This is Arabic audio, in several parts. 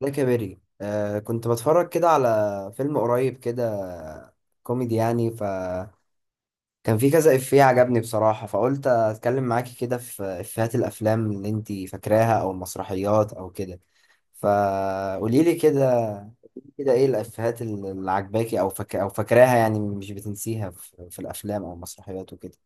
ده كبري كنت بتفرج كده على فيلم قريب كده كوميدي يعني، فكان في كذا إفيه عجبني بصراحة، فقلت أتكلم معاكي كده في إفيهات الأفلام اللي أنتي فاكراها أو المسرحيات أو كده. فقولي لي كده، كده إيه الإفيهات اللي عجباكي أو فاكراها، يعني مش بتنسيها في الأفلام أو المسرحيات وكده؟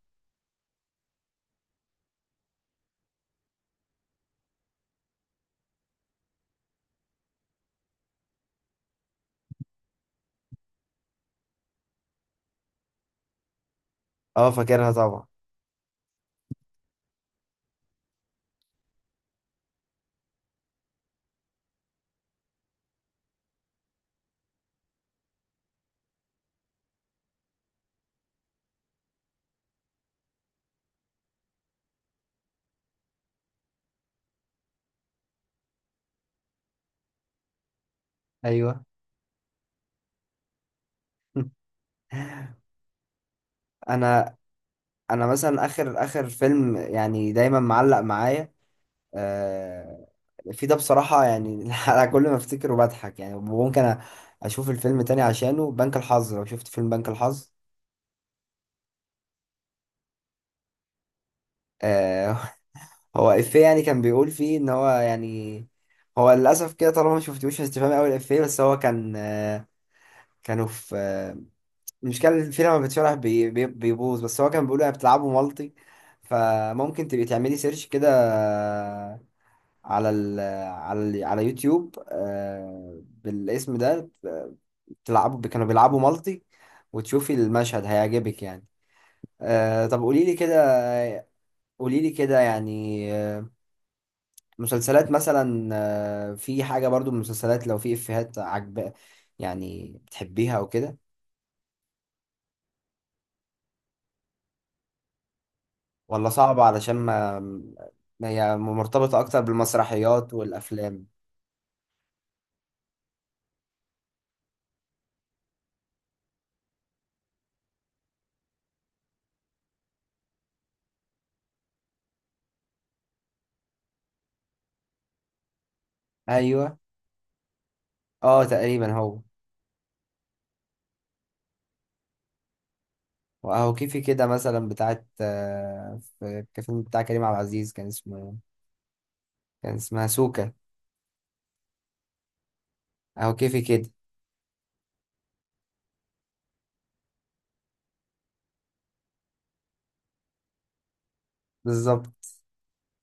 أه، فاكرها طبعا. أيوه. انا انا مثلا اخر اخر فيلم يعني دايما معلق معايا، آه، في ده بصراحة يعني. أنا كل ما أفتكره بضحك يعني، ممكن أشوف الفيلم تاني، عشانه بنك الحظ، لو شفت فيلم بنك الحظ. آه، هو إفيه يعني كان بيقول فيه إن هو يعني، هو للأسف كده طالما ما شفتوش هتفهمي أوي الإفيه، بس هو كان كانوا في، المشكلة إن الفيلم لما بتشرح بيبوظ، بس هو كان بيقول يعني بتلعبوا مالتي، فممكن تبقي تعملي سيرش كده. آه، على ال على ال على يوتيوب، بالاسم ده. كانوا بيلعبوا مالتي، وتشوفي المشهد هيعجبك يعني. آه، طب قولي لي كده. قولي لي كده يعني، مسلسلات مثلا، في حاجة برضو من المسلسلات، لو في إفيهات يعني بتحبيها أو كده؟ ولا صعبة علشان ما هي مرتبطة أكتر بالمسرحيات والأفلام؟ أيوه، أه تقريبا هو. وأهو كيفي كده، مثلا بتاعت، في الفيلم بتاع كريم عبد العزيز كان اسمه، كان اسمها سوكا. أهو كيفي كده. بالظبط.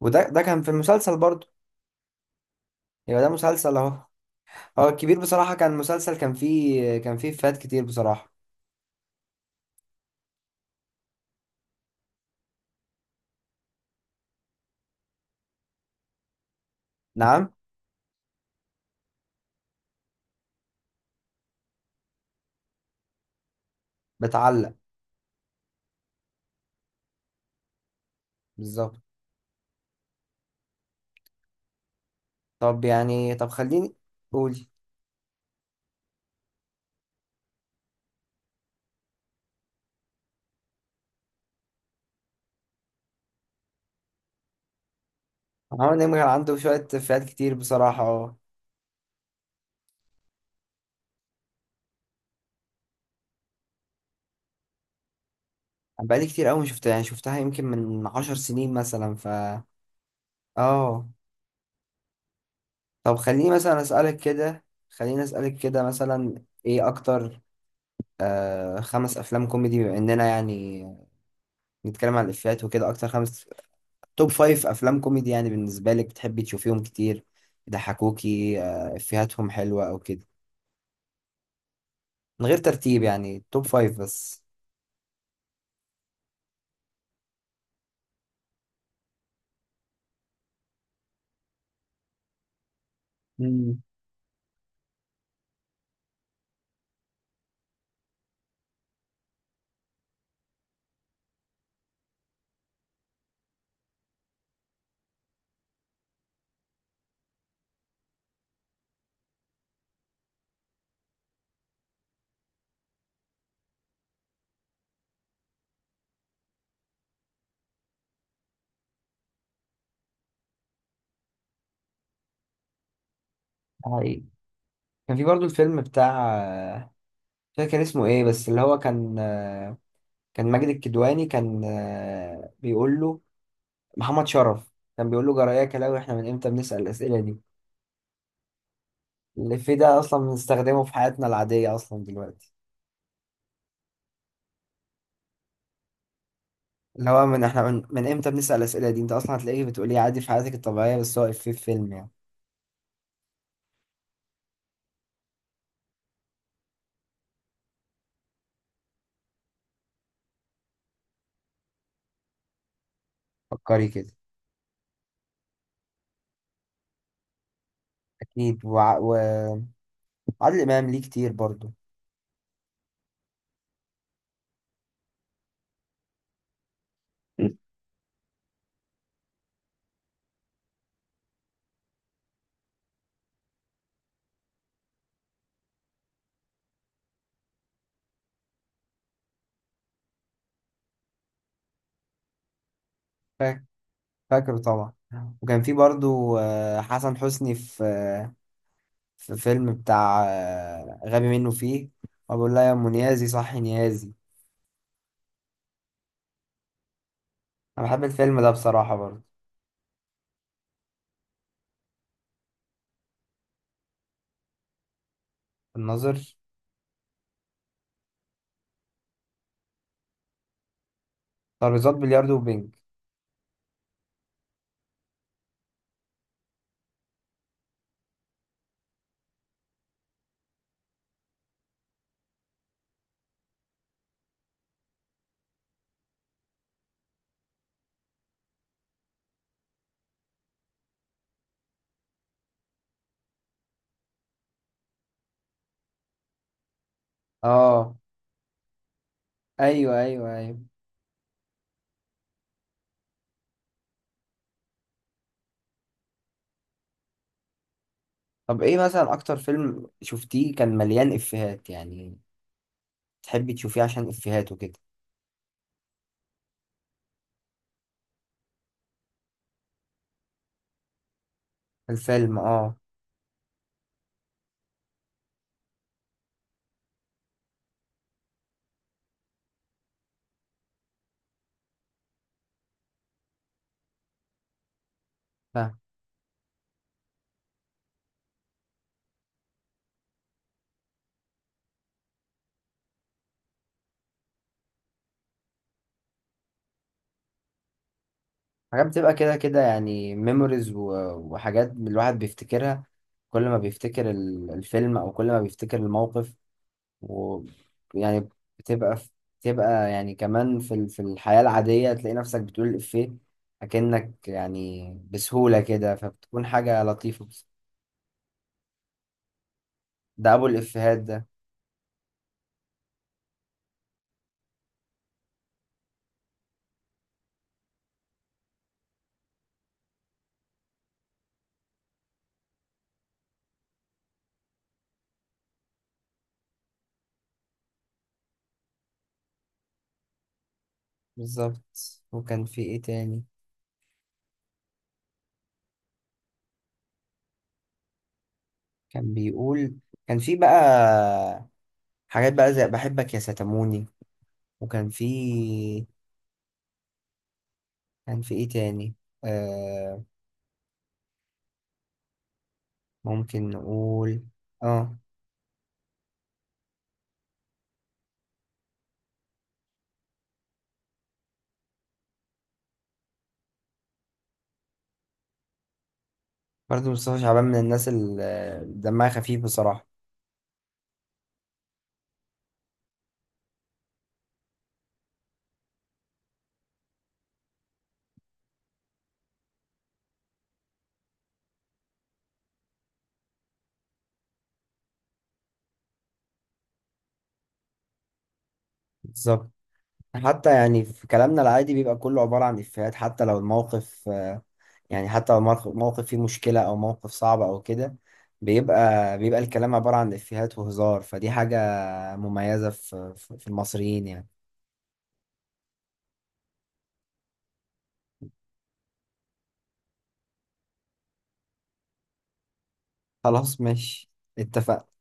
وده كان في المسلسل برضه. يبقى ده مسلسل اهو. هو الكبير بصراحة كان مسلسل كان فيه فات كتير بصراحة. نعم. بتعلق. بالظبط. طب يعني، طب خليني قولي. محمد نجم كان عنده شوية فات كتير بصراحة، اه. أنا بقالي كتير أوي شفتها، يعني شفتها يمكن من 10 سنين مثلا، ف... اه. طب خليني أسألك كده، مثلا إيه أكتر 5 أفلام كوميدي؟ بما إننا يعني نتكلم عن الإفيهات وكده، أكتر توب فايف افلام كوميدي يعني بالنسبه لك، بتحبي تشوفيهم كتير، يضحكوكي، افيهاتهم حلوه او كده. من غير ترتيب يعني، توب فايف بس. مم. حقيقي. كان في برضو الفيلم بتاع، آه، مش فاكر كان اسمه ايه، بس اللي هو كان كان ماجد الكدواني كان بيقول له، محمد شرف كان بيقول له: جراياك يا كلاوي، احنا من امتى بنسأل الأسئلة دي؟ الإفيه ده أصلا بنستخدمه في حياتنا العادية أصلا دلوقتي. اللي هو، من احنا من امتى بنسأل الأسئلة دي، انت أصلا هتلاقيه بتقوليه عادي في حياتك الطبيعية، بس هو إفيه في فيلم يعني. فكري كده. اكيد وعادل امام ليه كتير برضو. فا- فاكره طبعا. وكان في برضو، حسن حسني في فيلم بتاع، غبي منه فيه، وبقول لها: يا ام نيازي صحي نيازي. انا بحب الفيلم ده بصراحة برضو. الناظر، ترابيزات بلياردو وبينج، اه. ايوه، ايوه، ايوه. طب ايه مثلا اكتر فيلم شفتيه كان مليان افيهات يعني، تحبي تشوفيه عشان افيهات وكده؟ الفيلم، اه، حاجات بتبقى كده كده، يعني ميموريز، وحاجات الواحد بيفتكرها كل ما بيفتكر الفيلم، او كل ما بيفتكر الموقف، ويعني بتبقى في- بتبقى يعني كمان في في الحياة العادية تلاقي نفسك بتقول الإفيه، أكنك يعني بسهولة كده، فبتكون حاجة لطيفة بس. ده أبو الإفيهات ده. بالظبط. وكان في إيه تاني كان بيقول؟ كان في بقى حاجات بقى زي بحبك يا ستموني. وكان في ايه تاني؟ آه ممكن نقول. اه. برضه مصطفى شعبان من الناس اللي دمها خفيف بصراحة. بالظبط. حتى يعني في كلامنا العادي بيبقى كله عبارة عن إفيهات، حتى لو الموقف، يعني حتى لو الموقف موقف فيه مشكلة أو موقف صعب أو كده، بيبقى الكلام عبارة عن إفيهات وهزار، فدي حاجة مميزة في المصريين يعني. خلاص، ماشي، اتفقنا.